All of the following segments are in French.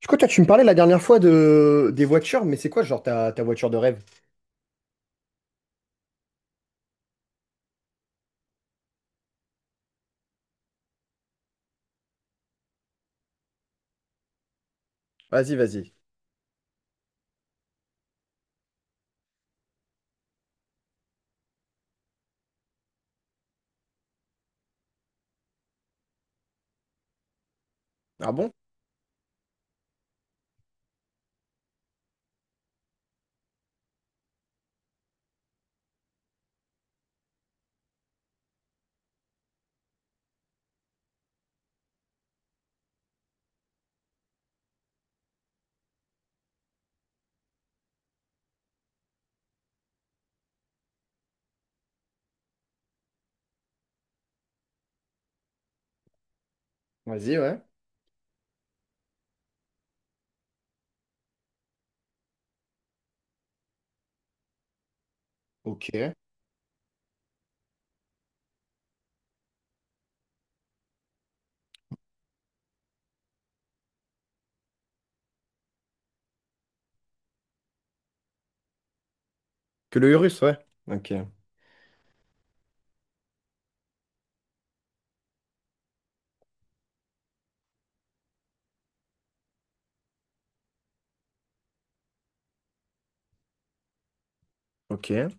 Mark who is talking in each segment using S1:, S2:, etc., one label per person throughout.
S1: Du coup, toi, tu me parlais la dernière fois de des voitures, mais c'est quoi, genre, ta voiture de rêve? Vas-y, vas-y. Ah bon? Vas-y, ouais. Ok. Que le Urus, ouais. Ok. Ok.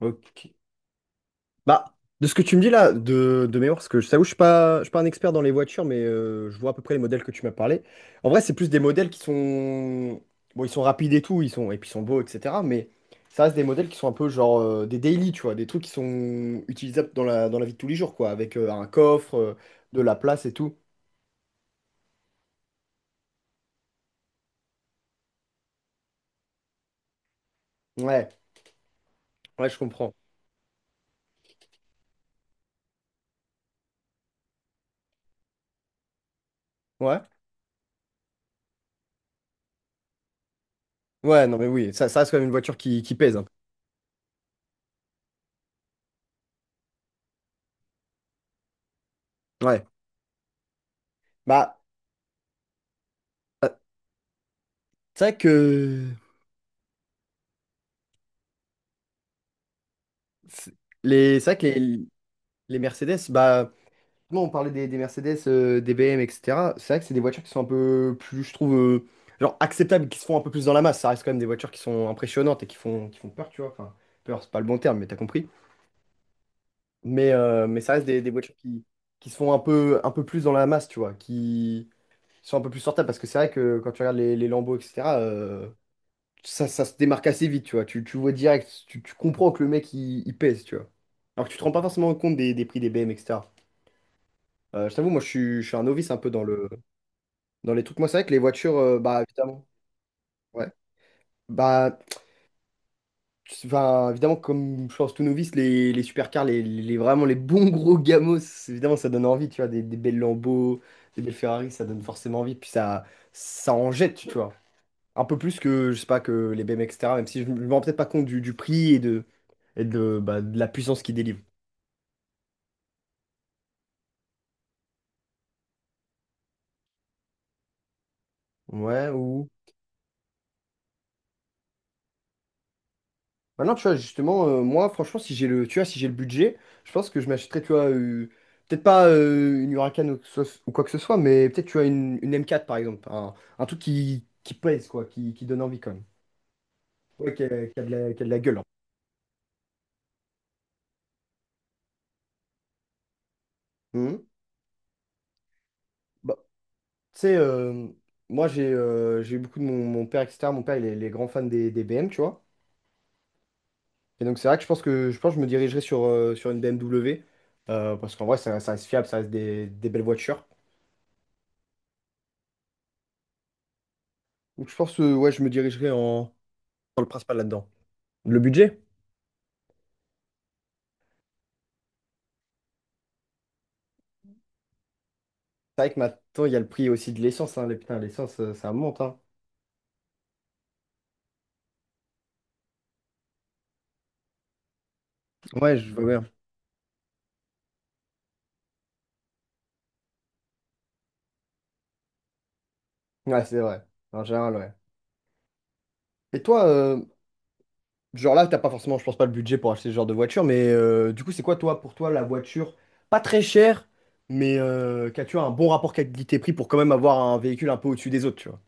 S1: Ok. Bah, de ce que tu me dis là, de mémoire, parce que je t'avoue, je suis pas un expert dans les voitures, mais je vois à peu près les modèles que tu m'as parlé. En vrai, c'est plus des modèles qui sont. Bon, ils sont rapides et tout, et puis ils sont beaux, etc. Mais ça reste des modèles qui sont un peu genre des daily, tu vois, des trucs qui sont utilisables dans la vie de tous les jours, quoi, avec un coffre, de la place et tout. Ouais, ouais, je comprends. Ouais. Ouais, non, mais oui, ça reste quand même une voiture qui pèse, hein. Ouais. Bah, euh, c'est vrai que c'est- c'est vrai que les Mercedes, bah, nous, on parlait des Mercedes, des BM, etc. C'est vrai que c'est des voitures qui sont un peu plus, je trouve, genre acceptables, qui se font un peu plus dans la masse. Ça reste quand même des voitures qui sont impressionnantes et qui font peur, tu vois. Enfin, peur, c'est pas le bon terme, mais t'as compris. Mais ça reste des voitures qui se font un peu plus dans la masse, tu vois. Qui sont un peu plus sortables parce que c'est vrai que quand tu regardes les Lambeaux, etc., ça, ça se démarque assez vite, tu vois. Tu vois direct, tu comprends que le mec il pèse, tu vois. Alors que tu te rends pas forcément compte des prix des BM, etc. Je t'avoue, moi je suis un novice un peu dans les trucs. Moi, c'est vrai que les voitures, bah évidemment, ouais. Bah, enfin, évidemment, comme je pense tout novice, les supercars, vraiment les bons gros gamos, évidemment, ça donne envie, tu vois. Des belles Lambeaux, des belles Ferrari, ça donne forcément envie. Puis ça en jette, tu vois, un peu plus que, je sais pas, que les BM, etc. Même si je me rends peut-être pas compte du prix et de bah, de la puissance qu'ils délivrent. Ouais. Maintenant, tu vois, justement, moi, franchement, si j'ai le, tu vois, si j'ai le budget, je pense que je m'achèterais, tu vois, peut-être pas une Huracan ou, ou quoi que ce soit, mais peut-être, tu vois, une M4, par exemple. Un truc qui pèse, quoi, qui donne envie, quand même. Ouais, qui a de la gueule, hein. Mhm. Bah, tu sais, moi, j'ai eu beaucoup de mon père, etc. Mon père, il est grand fan des BM, tu vois. Et donc c'est vrai que je pense que je me dirigerai sur, sur une BMW parce qu'en vrai ça, ça reste fiable, ça reste des belles voitures. Donc je pense que ouais, je me dirigerai en dans le principal là-dedans. Le budget? C'est vrai que maintenant il y a le prix aussi de l'essence, hein. Putain, l'essence ça monte, hein. Ouais, je vois bien. Ouais, c'est vrai. En général, ouais. Et toi, genre là, t'as pas forcément, je pense pas, le budget pour acheter ce genre de voiture, mais du coup, c'est quoi, toi, pour toi, la voiture pas très chère, mais qu'as-tu un bon rapport qualité-prix pour quand même avoir un véhicule un peu au-dessus des autres, tu vois?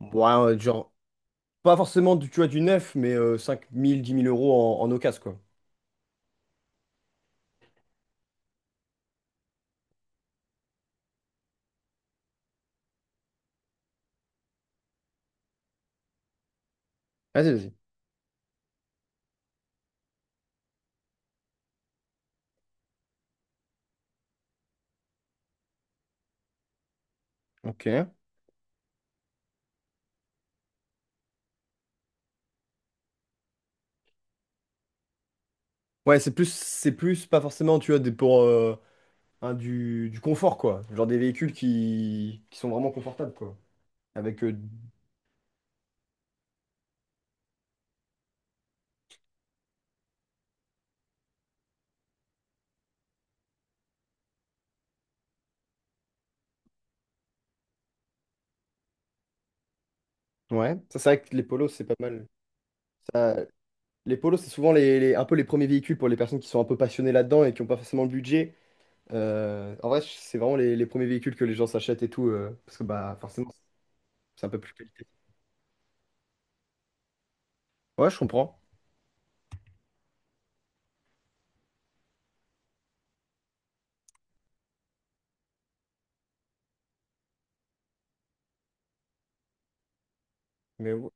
S1: Ouais, genre pas forcément du, tu vois, du neuf, mais 5 000 10 000 euros en occasion, quoi. Vas-y, vas-y. Ok. Ouais, c'est plus, pas forcément, tu vois, des, pour un, du confort, quoi. Genre des véhicules qui sont vraiment confortables, quoi. Avec. Ouais, ça, c'est vrai que les polos, c'est pas mal. Ça, les polos, c'est souvent un peu les premiers véhicules pour les personnes qui sont un peu passionnées là-dedans et qui n'ont pas forcément le budget. En vrai, c'est vraiment les premiers véhicules que les gens s'achètent et tout, parce que bah forcément, c'est un peu plus qualité. Ouais, je comprends. Mais ouais,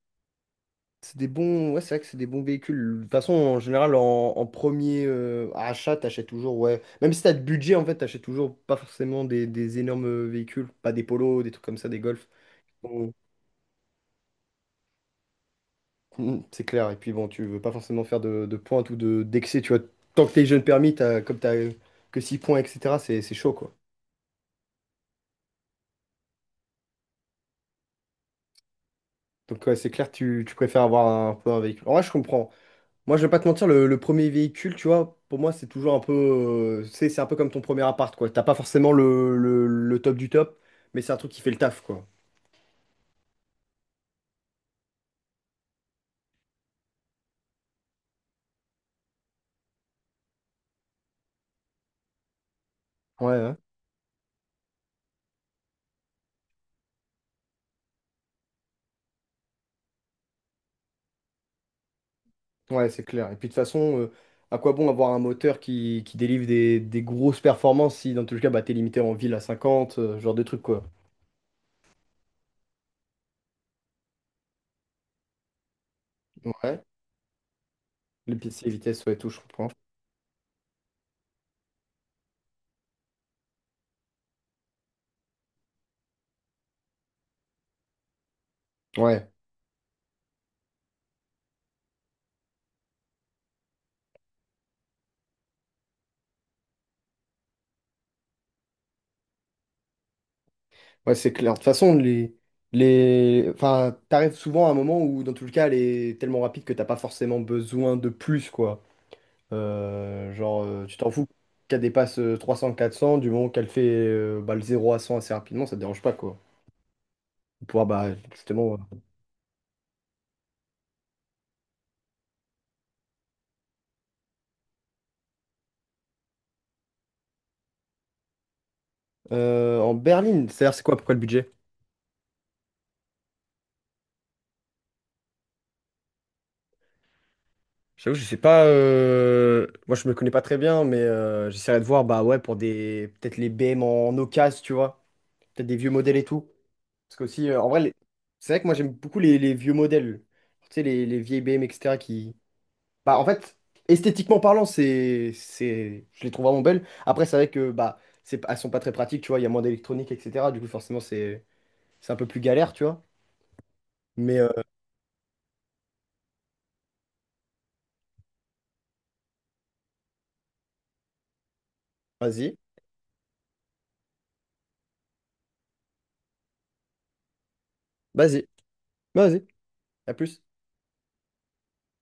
S1: c'est des bons, ouais, c'est vrai que c'est des bons véhicules. De toute façon, en général, en premier achat, t'achètes toujours, ouais. Même si t'as de budget, en fait, t'achètes toujours pas forcément des énormes véhicules, pas des polos, des trucs comme ça, des golfs. Bon, c'est clair. Et puis bon, tu veux pas forcément faire de pointe ou de d'excès, tu vois. Tant que t'es jeune permis, t'as, comme t'as que 6 points, etc., c'est chaud, quoi. Donc ouais, c'est clair, tu préfères avoir un peu un véhicule. En vrai, je comprends. Moi, je vais pas te mentir, le premier véhicule, tu vois, pour moi, c'est toujours un peu. C'est un peu comme ton premier appart, quoi. T'as pas forcément le top du top, mais c'est un truc qui fait le taf, quoi. Ouais, ouais, ouais, c'est clair. Et puis, de toute façon, à quoi bon avoir un moteur qui délivre des grosses performances si, dans tous les cas, bah, t'es limité en ville à 50, ce genre de trucs, quoi. Ouais. Les PC, vitesse, ouais, tout, je comprends. Ouais, ouais, c'est clair. De toute façon, les. Enfin, t'arrives souvent à un moment où, dans tous les cas, elle est tellement rapide que t'as pas forcément besoin de plus, quoi. Genre, tu t'en fous qu'elle dépasse 300 400 du moment qu'elle fait bah, le 0 à 100 assez rapidement, ça te dérange pas, quoi. Pour pouvoir, bah, justement. En berline, c'est-à-dire, c'est quoi, pourquoi le budget? J'avoue, je sais pas. Moi, je me connais pas très bien, mais j'essaierai de voir, bah ouais, pour des. Peut-être les BM en occasion, tu vois. Peut-être des vieux modèles et tout. Parce que, aussi, en vrai, c'est vrai que moi, j'aime beaucoup les vieux modèles. Tu sais, les vieilles BM, etc. Bah, en fait, esthétiquement parlant, je les trouve vraiment belles. Après, c'est vrai que bah, elles sont pas très pratiques, tu vois, il y a moins d'électronique, etc. Du coup, forcément, c'est un peu plus galère, tu vois. Mais vas-y, vas-y, vas-y, à plus.